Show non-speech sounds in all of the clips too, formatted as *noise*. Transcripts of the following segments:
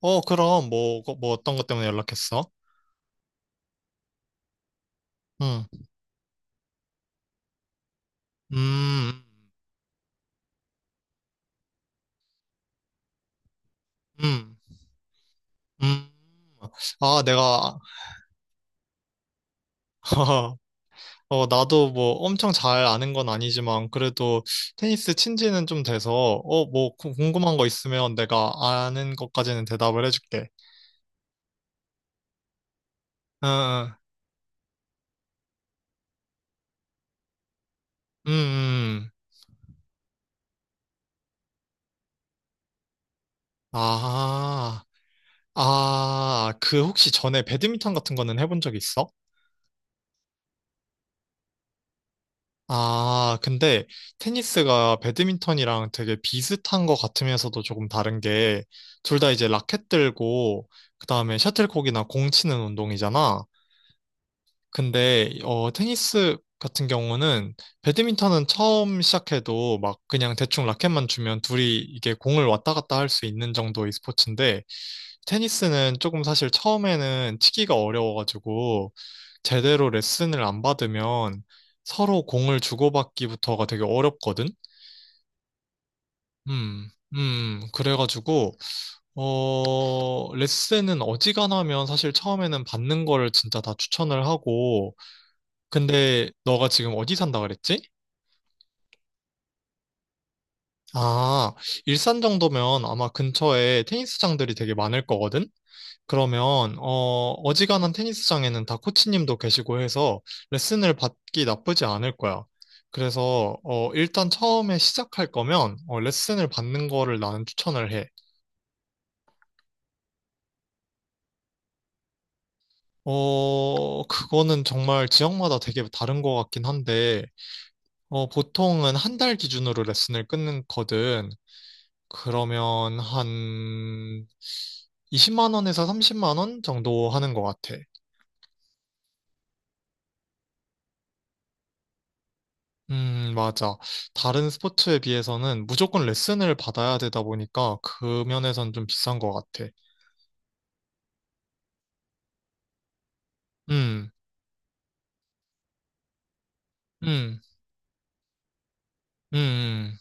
뭐 어떤 것 때문에 연락했어? 응, 음, 음, 음. 아, 내가, *laughs* 어, 나도 뭐 엄청 잘 아는 건 아니지만, 그래도 테니스 친 지는 좀 돼서, 궁금한 거 있으면 내가 아는 것까지는 대답을 해줄게. 응, 응, 아, 아, 그 혹시 전에 배드민턴 같은 거는 해본 적 있어? 아, 근데 테니스가 배드민턴이랑 되게 비슷한 것 같으면서도 조금 다른 게, 둘 다 이제 라켓 들고, 그 다음에 셔틀콕이나 공 치는 운동이잖아. 근데, 테니스 같은 경우는, 배드민턴은 처음 시작해도 막 그냥 대충 라켓만 주면 둘이 이게 공을 왔다 갔다 할 수 있는 정도의 스포츠인데, 테니스는 조금 사실 처음에는 치기가 어려워가지고 제대로 레슨을 안 받으면 서로 공을 주고받기부터가 되게 어렵거든? 음, 그래가지고, 레슨은 어지간하면 사실 처음에는 받는 거를 진짜 다 추천을 하고, 근데 너가 지금 어디 산다 그랬지? 아, 일산 정도면 아마 근처에 테니스장들이 되게 많을 거거든? 그러면 어지간한 테니스장에는 다 코치님도 계시고 해서 레슨을 받기 나쁘지 않을 거야. 그래서 일단 처음에 시작할 거면 레슨을 받는 거를 나는 추천을 해. 그거는 정말 지역마다 되게 다른 것 같긴 한데 보통은 한 달 기준으로 레슨을 끊거든. 그러면 한 20만 원에서 30만 원 정도 하는 것 같아. 맞아. 다른 스포츠에 비해서는 무조건 레슨을 받아야 되다 보니까 그 면에선 좀 비싼 것 같아. 음, 음, 음,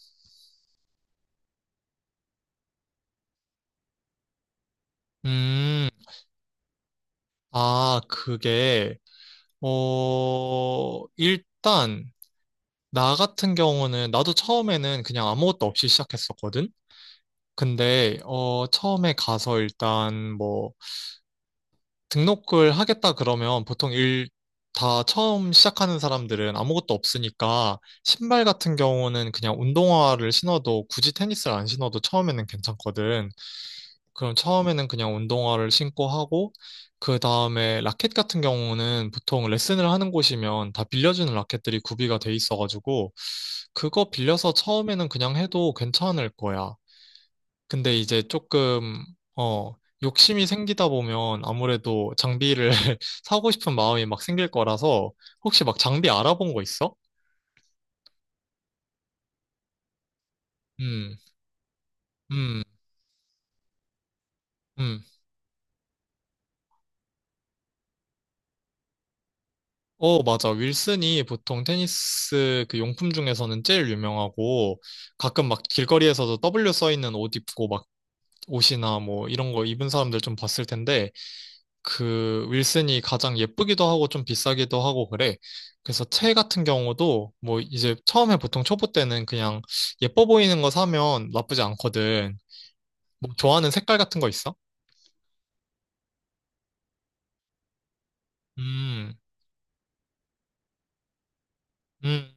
음. 아, 그게, 어, 일단, 나 같은 경우는, 나도 처음에는 그냥 아무것도 없이 시작했었거든? 근데, 처음에 가서 일단 뭐, 등록을 하겠다 그러면 보통 일 다 처음 시작하는 사람들은 아무것도 없으니까 신발 같은 경우는 그냥 운동화를 신어도 굳이 테니스를 안 신어도 처음에는 괜찮거든. 그럼 처음에는 그냥 운동화를 신고 하고 그 다음에 라켓 같은 경우는 보통 레슨을 하는 곳이면 다 빌려주는 라켓들이 구비가 돼 있어가지고 그거 빌려서 처음에는 그냥 해도 괜찮을 거야. 근데 이제 조금, 어, 욕심이 생기다 보면 아무래도 장비를 *laughs* 사고 싶은 마음이 막 생길 거라서 혹시 막 장비 알아본 거 있어? 음, 음, 음. 어, 맞아. 윌슨이 보통 테니스 그 용품 중에서는 제일 유명하고 가끔 막 길거리에서도 W 써 있는 옷 입고 막 옷이나 뭐 이런 거 입은 사람들 좀 봤을 텐데 그 윌슨이 가장 예쁘기도 하고 좀 비싸기도 하고 그래. 그래서 채 같은 경우도 뭐 이제 처음에 보통 초보 때는 그냥 예뻐 보이는 거 사면 나쁘지 않거든. 뭐 좋아하는 색깔 같은 거 있어? 음, 음,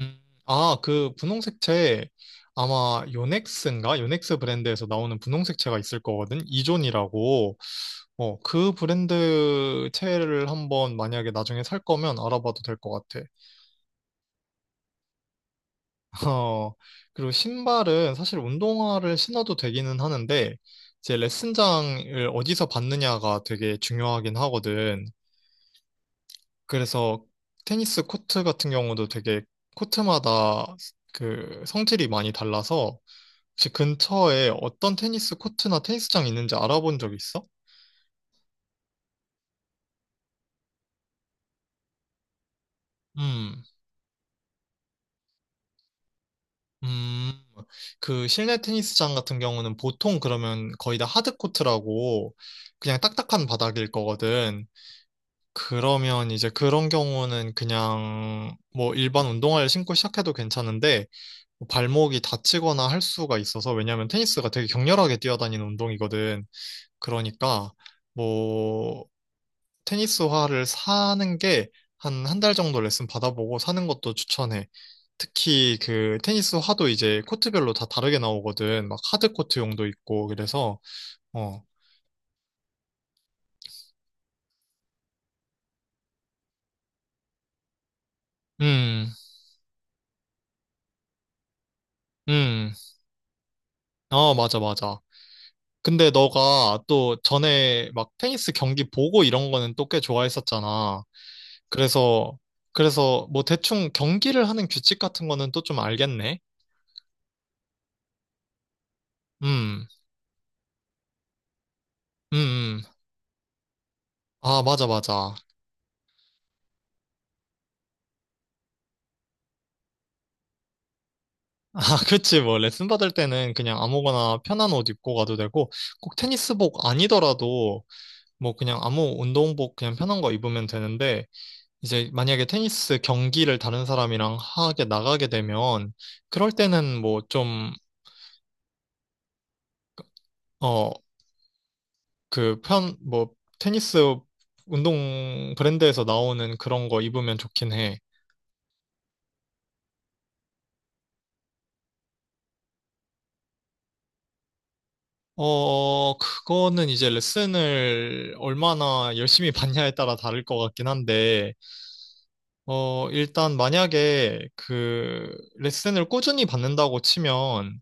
음. 아, 그 분홍색 채 아마 요넥스인가? 요넥스 브랜드에서 나오는 분홍색 채가 있을 거거든. 이존이라고. 그 브랜드 채를 한번 만약에 나중에 살 거면 알아봐도 될 것 같아. 어, 그리고 신발은 사실 운동화를 신어도 되기는 하는데, 이제 레슨장을 어디서 받느냐가 되게 중요하긴 하거든. 그래서 테니스 코트 같은 경우도 되게 코트마다 그 성질이 많이 달라서, 혹시 근처에 어떤 테니스 코트나 테니스장 있는지 알아본 적 있어? 음, 음, 그 실내 테니스장 같은 경우는 보통 그러면 거의 다 하드코트라고 그냥 딱딱한 바닥일 거거든. 그러면 이제 그런 경우는 그냥 뭐 일반 운동화를 신고 시작해도 괜찮은데 뭐 발목이 다치거나 할 수가 있어서 왜냐면 테니스가 되게 격렬하게 뛰어다니는 운동이거든. 그러니까 뭐 테니스화를 사는 게 한 한 달 정도 레슨 받아보고 사는 것도 추천해. 특히 그 테니스화도 이제 코트별로 다 다르게 나오거든. 막 하드 코트용도 있고 그래서 어. 음. 음. 어, 맞아 맞아. 근데 너가 또 전에 막 테니스 경기 보고 이런 거는 또 꽤 좋아했었잖아. 그래서, 그래서 뭐 대충 경기를 하는 규칙 같은 거는 또 좀 알겠네. 음, 음, 음. 아, 맞아, 맞아. *laughs* 아, 그치. 뭐 레슨 받을 때는 그냥 아무거나 편한 옷 입고 가도 되고, 꼭 테니스복 아니더라도 뭐 그냥 아무 운동복 그냥 편한 거 입으면 되는데, 이제 만약에 테니스 경기를 다른 사람이랑 하게 나가게 되면, 그럴 때는 뭐좀 그 편, 뭐, 테니스 운동 브랜드에서 나오는 그런 거 입으면 좋긴 해. 그거는 이제 레슨을 얼마나 열심히 *laughs* 받냐에 따라 다를 것 같긴 한데, 일단 만약에 그 레슨을 꾸준히 받는다고 치면,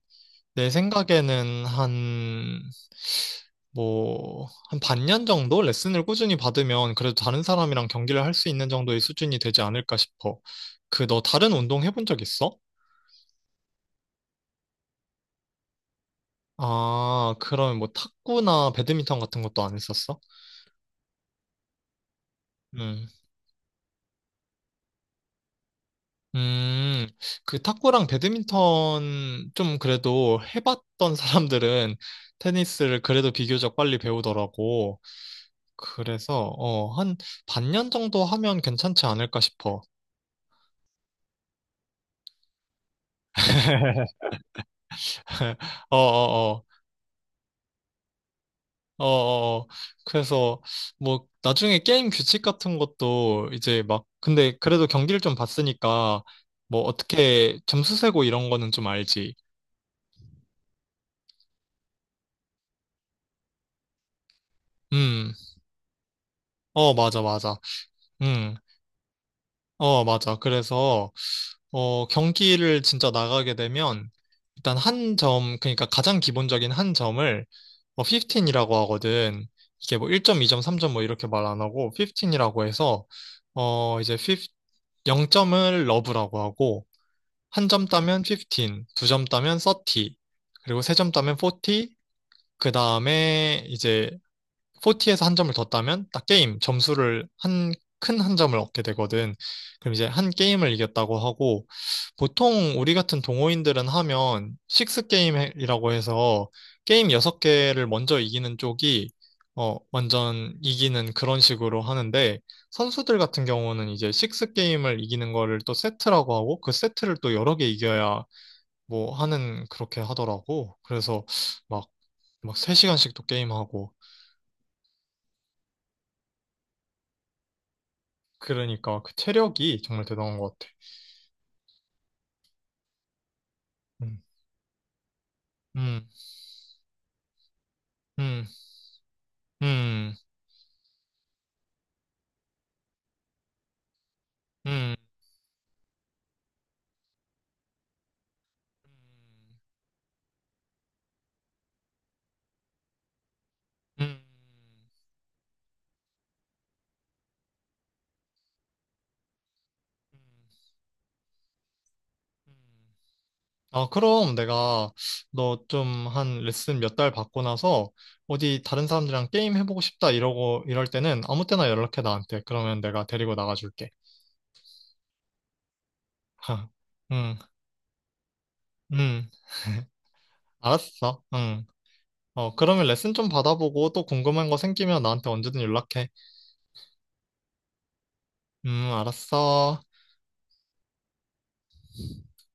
내 생각에는 한 반년 정도 레슨을 꾸준히 받으면 그래도 다른 사람이랑 경기를 할 수 있는 정도의 수준이 되지 않을까 싶어. 그, 너 다른 운동 해본 적 있어? 아, 그러면 뭐 탁구나 배드민턴 같은 것도 안 했었어? 음. 음, 그 탁구랑 배드민턴 좀 그래도 해봤던 사람들은 테니스를 그래도 비교적 빨리 배우더라고. 그래서, 어, 한 반년 정도 하면 괜찮지 않을까 싶어. *laughs* 어, 어, 어, 어, 어. 그래서 뭐 나중에 게임 규칙 같은 것도 이제 막 근데 그래도 경기를 좀 봤으니까 뭐 어떻게 점수 세고 이런 거는 좀 알지. 음, 어, 맞아, 맞아. 음, 어, 맞아. 그래서 경기를 진짜 나가게 되면 일단 한 점, 그러니까 가장 기본적인 한 점을 뭐 15이라고 하거든. 이게 뭐 1점, 2점, 3점 뭐 이렇게 말 안 하고 15이라고 해서 이제 15, 0점을 러브라고 하고 한 점 따면 15, 두 점 따면 30, 그리고 세 점 따면 40, 그 다음에 이제 포티에서 한 점을 더 따면 딱 게임 점수를 한 큰 한 점을 얻게 되거든. 그럼 이제 한 게임을 이겼다고 하고 보통 우리 같은 동호인들은 하면 식스 게임이라고 해서 게임 여섯 개를 먼저 이기는 쪽이 완전 이기는 그런 식으로 하는데 선수들 같은 경우는 이제 식스 게임을 이기는 거를 또 세트라고 하고 그 세트를 또 여러 개 이겨야 뭐 하는 그렇게 하더라고. 그래서 막 막 세 시간씩 또 게임하고 그러니까 그 체력이 정말 대단한 것 같아. 음, 음, 음, 음, 음, 음, 음. 음, 음. 아, 그럼 내가 너 좀 한 레슨 몇 달 받고 나서 어디 다른 사람들이랑 게임 해보고 싶다 이러고 이럴 때는 아무 때나 연락해 나한테. 그러면 내가 데리고 나가줄게. *laughs* 응, 응. *laughs* 알았어. 응. 어, 그러면 레슨 좀 받아보고 또 궁금한 거 생기면 나한테 언제든 연락해. 알았어.